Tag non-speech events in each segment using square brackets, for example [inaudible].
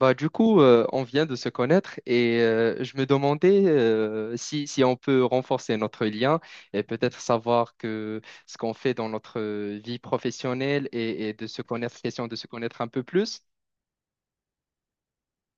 On vient de se connaître et je me demandais si on peut renforcer notre lien et peut-être savoir que ce qu'on fait dans notre vie professionnelle et de se connaître, question de se connaître un peu plus.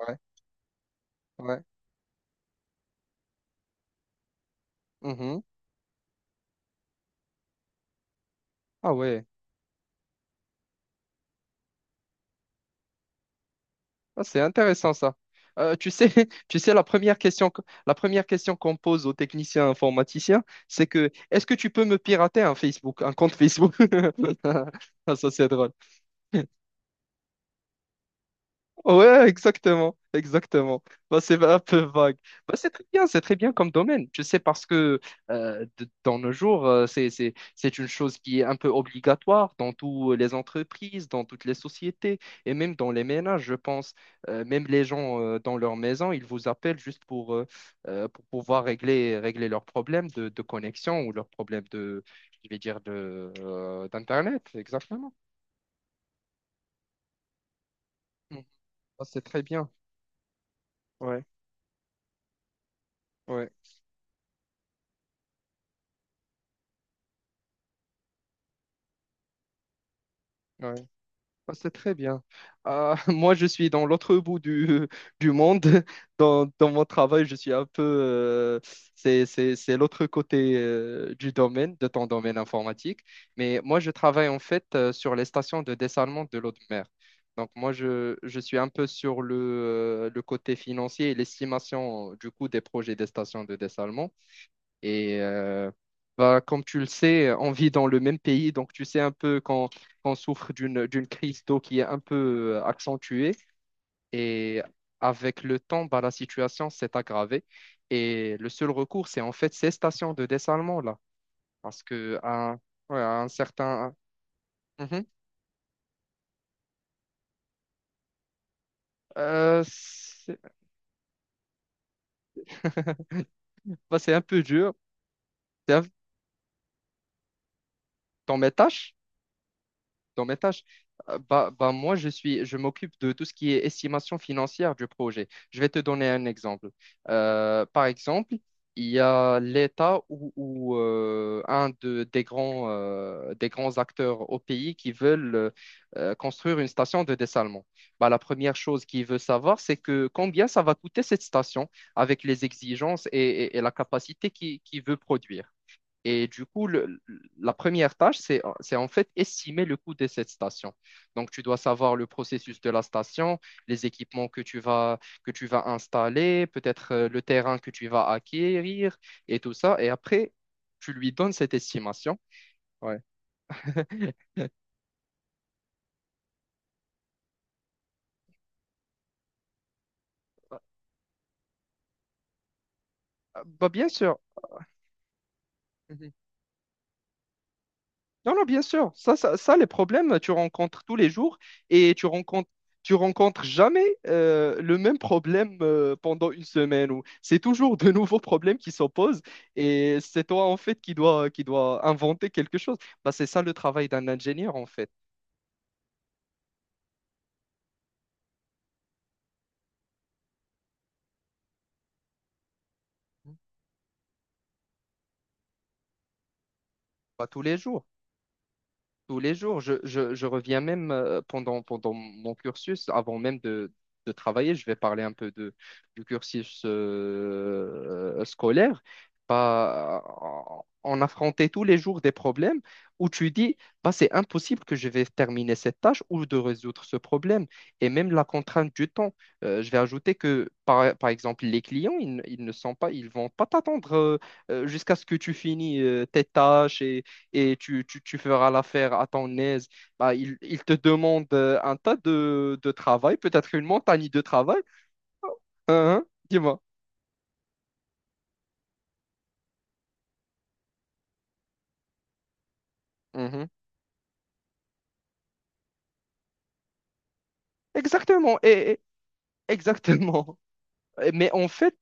Ouais, ouais. Mhm. Ah ouais. Ah, c'est intéressant ça. Tu sais, [laughs] tu sais, la première question, la première question qu'on pose aux techniciens informaticiens, c'est que est-ce que tu peux me pirater un Facebook, un compte Facebook? [laughs] Ah, ça, c'est drôle. Ouais, exactement, exactement. Bah, c'est un peu vague. Bah, c'est très bien comme domaine. Je sais parce que dans nos jours, c'est une chose qui est un peu obligatoire dans toutes les entreprises, dans toutes les sociétés et même dans les ménages, je pense. Même les gens dans leur maison, ils vous appellent juste pour pouvoir régler, régler leurs problèmes de connexion ou leurs problèmes de, je vais dire, d'Internet. Exactement. Mm. Bah, c'est très bien. Ouais, ouais, ouais. Ah, c'est très bien. Ah, [laughs] moi, je suis dans l'autre bout du, [laughs] du monde. Dans mon travail, je suis un peu... c'est l'autre côté du domaine, de ton domaine informatique. Mais moi, je travaille en fait sur les stations de dessalement de l'eau de mer. Donc, moi, je suis un peu sur le côté financier et l'estimation du coût des projets des stations de dessalement. Et bah, comme tu le sais, on vit dans le même pays, donc tu sais un peu quand on souffre d'une crise d'eau qui est un peu accentuée. Et avec le temps, bah, la situation s'est aggravée. Et le seul recours, c'est en fait ces stations de dessalement là, parce que à, un- ouais, à un certain. Mhm. C'est [laughs] bah, c'est un peu dur. C'est un- dans mes tâches. Dans mes tâches, moi, je m'occupe de tout ce qui est estimation financière du projet. Je vais te donner un exemple. Par exemple, il y a l'État ou, des grands acteurs au pays qui veulent construire une station de dessalement. Bah, la première chose qu'ils veulent savoir, c'est que combien ça va coûter cette station avec les exigences et la capacité qu'il veut produire. Et du coup, le- la première tâche, c'est en fait estimer le coût de cette station. Donc, tu dois savoir le processus de la station, les équipements que tu vas installer, peut-être le terrain que tu vas acquérir et tout ça. Et après, tu lui donnes cette estimation. Ouais. [laughs] Bah, bien sûr. Non, non, bien sûr. Les problèmes, tu rencontres tous les jours et tu rencontres jamais le même problème pendant une semaine. C'est toujours de nouveaux problèmes qui s'opposent et c'est toi, en fait, qui doit inventer quelque chose. Bah, c'est ça le travail d'un ingénieur, en fait. Pas tous les jours. Tous les jours. Je reviens même pendant mon cursus, avant même de travailler, je vais parler un peu de, du cursus scolaire. Bah, on affrontait tous les jours des problèmes où tu dis, bah, c'est impossible que je vais terminer cette tâche ou de résoudre ce problème. Et même la contrainte du temps. Je vais ajouter que, par exemple, les clients, ils ne sont pas, ils vont pas t'attendre jusqu'à ce que tu finis tes tâches et tu feras l'affaire à ton aise. Bah, il te demande un tas de travail, peut-être une montagne de travail. Hein, hein, dis-moi. Mhm. Exactement, exactement. [laughs] Mais en fait,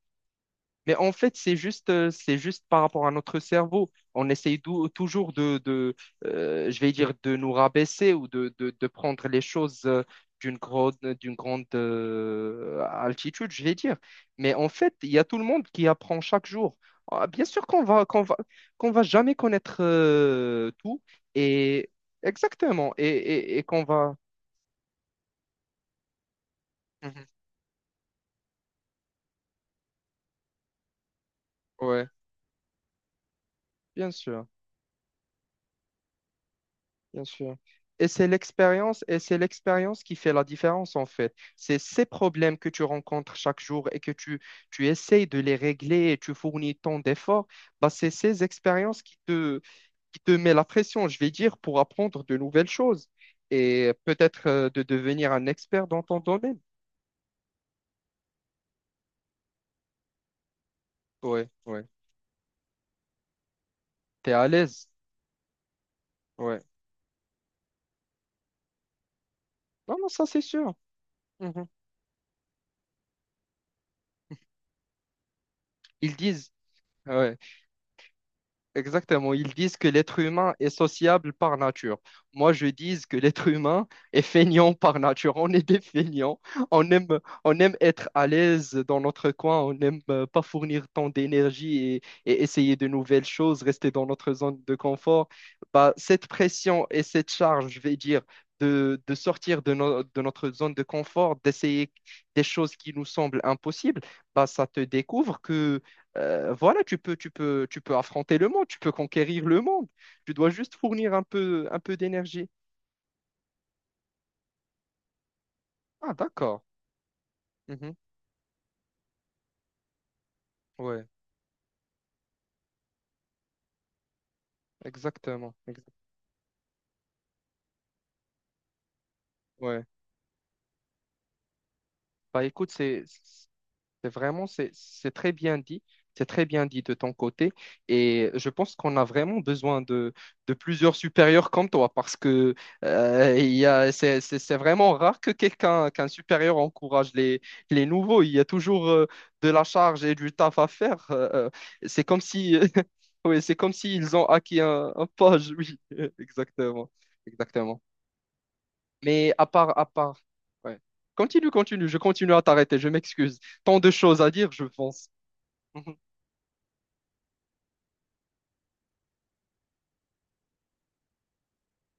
Mais en fait, c'est juste par rapport à notre cerveau. Toujours de je vais dire, de nous rabaisser ou de prendre les choses d'une grande altitude, je vais dire. Mais en fait, il y a tout le monde qui apprend chaque jour. Ah, bien sûr qu'on va jamais connaître tout et exactement et qu'on va. Mhm. Ouais, bien sûr. Bien sûr. Et c'est l'expérience qui fait la différence en fait. C'est ces problèmes que tu rencontres chaque jour et tu essayes de les régler et tu fournis tant d'efforts, bah c'est ces expériences qui te met la pression, je vais dire, pour apprendre de nouvelles choses et peut-être de devenir un expert dans ton domaine. Ouais, ouais. T'es à l'aise. Ouais. Non, non, ça c'est sûr. Mhm. Ils disent. Ouais, exactement, ils disent que l'être humain est sociable par nature. Moi, je dis que l'être humain est feignant par nature. On est des feignants. On aime, on aime être à l'aise dans notre coin. On n'aime pas fournir tant d'énergie et essayer de nouvelles choses, rester dans notre zone de confort. Bah, cette pression et cette charge, je vais dire, de sortir de, no- de notre zone de confort, d'essayer des choses qui nous semblent impossibles, bah, ça te découvre voilà, tu peux affronter le monde, tu peux conquérir le monde. Tu dois juste fournir un peu d'énergie. Ah, d'accord. Mhm. Ouais, exactement. Ouais. Bah écoute, c'est, C'est vraiment, c'est très bien dit, c'est très bien dit de ton côté. Et je pense qu'on a vraiment besoin de plusieurs supérieurs comme toi parce que il y a, c'est vraiment rare que quelqu'un, qu'un supérieur encourage les nouveaux. Il y a toujours de la charge et du taf à faire. C'est comme si, [laughs] oui, c'est comme s'ils ont acquis un poste. Oui, [laughs] exactement. Exactement. Mais à part, à part, ouais. Continue, continue, je continue à t'arrêter, je m'excuse. Tant de choses à dire, je pense. [laughs]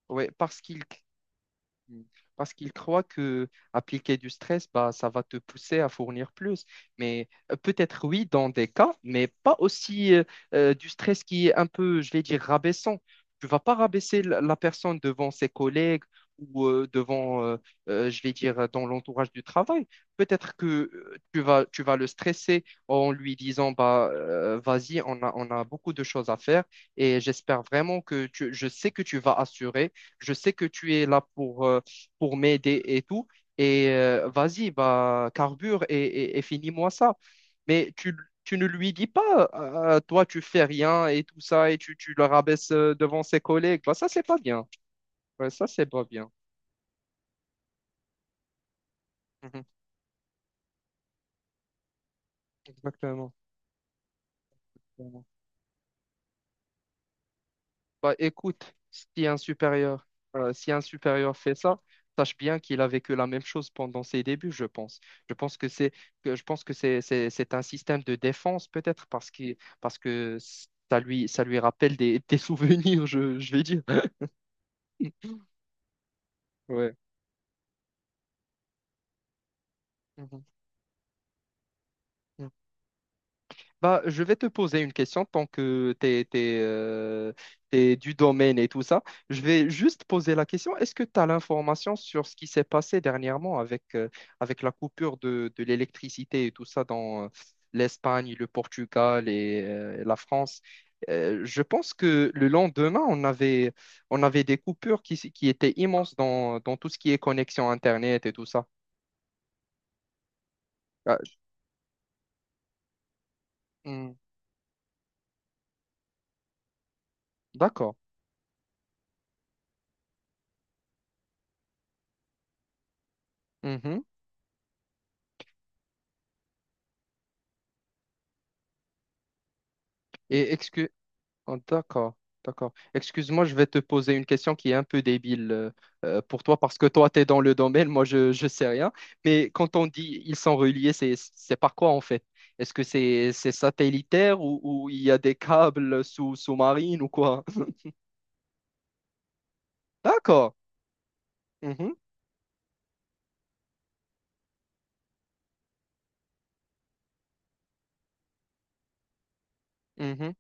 Ouais, parce qu'il Mm. Parce qu'ils croient que appliquer du stress, bah, ça va te pousser à fournir plus. Mais peut-être oui, dans des cas, mais pas aussi du stress qui est un peu, je vais dire, rabaissant. Tu vas pas rabaisser la personne devant ses collègues ou devant, je vais dire, dans l'entourage du travail. Peut-être que tu vas le stresser en lui disant, bah, vas-y, on a beaucoup de choses à faire et j'espère vraiment que tu, je sais que tu vas assurer. Je sais que tu es là pour m'aider et tout. Et vas-y, bah, carbure et finis-moi ça. Mais tu, tu ne lui dis pas, ah, toi, tu fais rien et tout ça, et tu le rabaisses devant ses collègues. Bah, ça, c'est pas bien. Ouais, ça, c'est pas bien. Mhm. Exactement. Bah, écoute, si un supérieur fait ça, sache bien qu'il a vécu la même chose pendant ses débuts, je pense. Je pense que c'est que Je pense que c'est un système de défense peut-être parce que ça lui rappelle des, [laughs] des souvenirs, je vais dire. Ouais. Mhm. Bah, je vais te poser une question tant que t'es, t'es, euh, t'es du domaine et tout ça. Je vais juste poser la question. Est-ce que tu as l'information sur ce qui s'est passé dernièrement avec, avec la coupure de l'électricité et tout ça dans l'Espagne, le Portugal et la France? Je pense que le lendemain, on avait des coupures qui étaient immenses dans tout ce qui est connexion Internet et tout ça. Ah, hmm, d'accord. Mhm. Et Oh, d'accord, d'accord. Excuse-moi, je vais te poser une question qui est un peu débile pour toi parce que toi, tu es dans le domaine, moi, je ne sais rien. Mais quand on dit ils sont reliés, c'est par quoi en fait? Est-ce que c'est satellitaire ou il y a des câbles sous-marines ou quoi? D'accord. Mhm, mhm.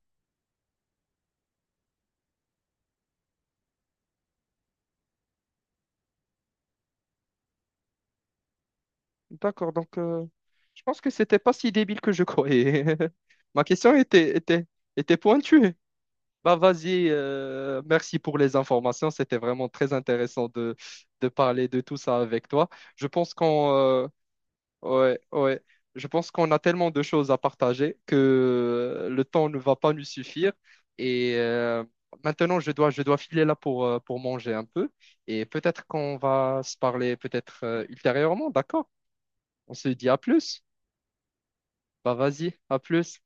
D'accord, je pense que c'était pas si débile que je croyais. [laughs] Ma question était, était, était pointue. Merci pour les informations. C'était vraiment très intéressant de parler de tout ça avec toi. Je pense qu'on Ouais, ouais. Je pense qu'on a tellement de choses à partager que le temps ne va pas nous suffire. Et maintenant, je dois filer là pour manger un peu. Et peut-être qu'on va se parler peut-être ultérieurement, d'accord? On se dit à plus. Bah vas-y, à plus.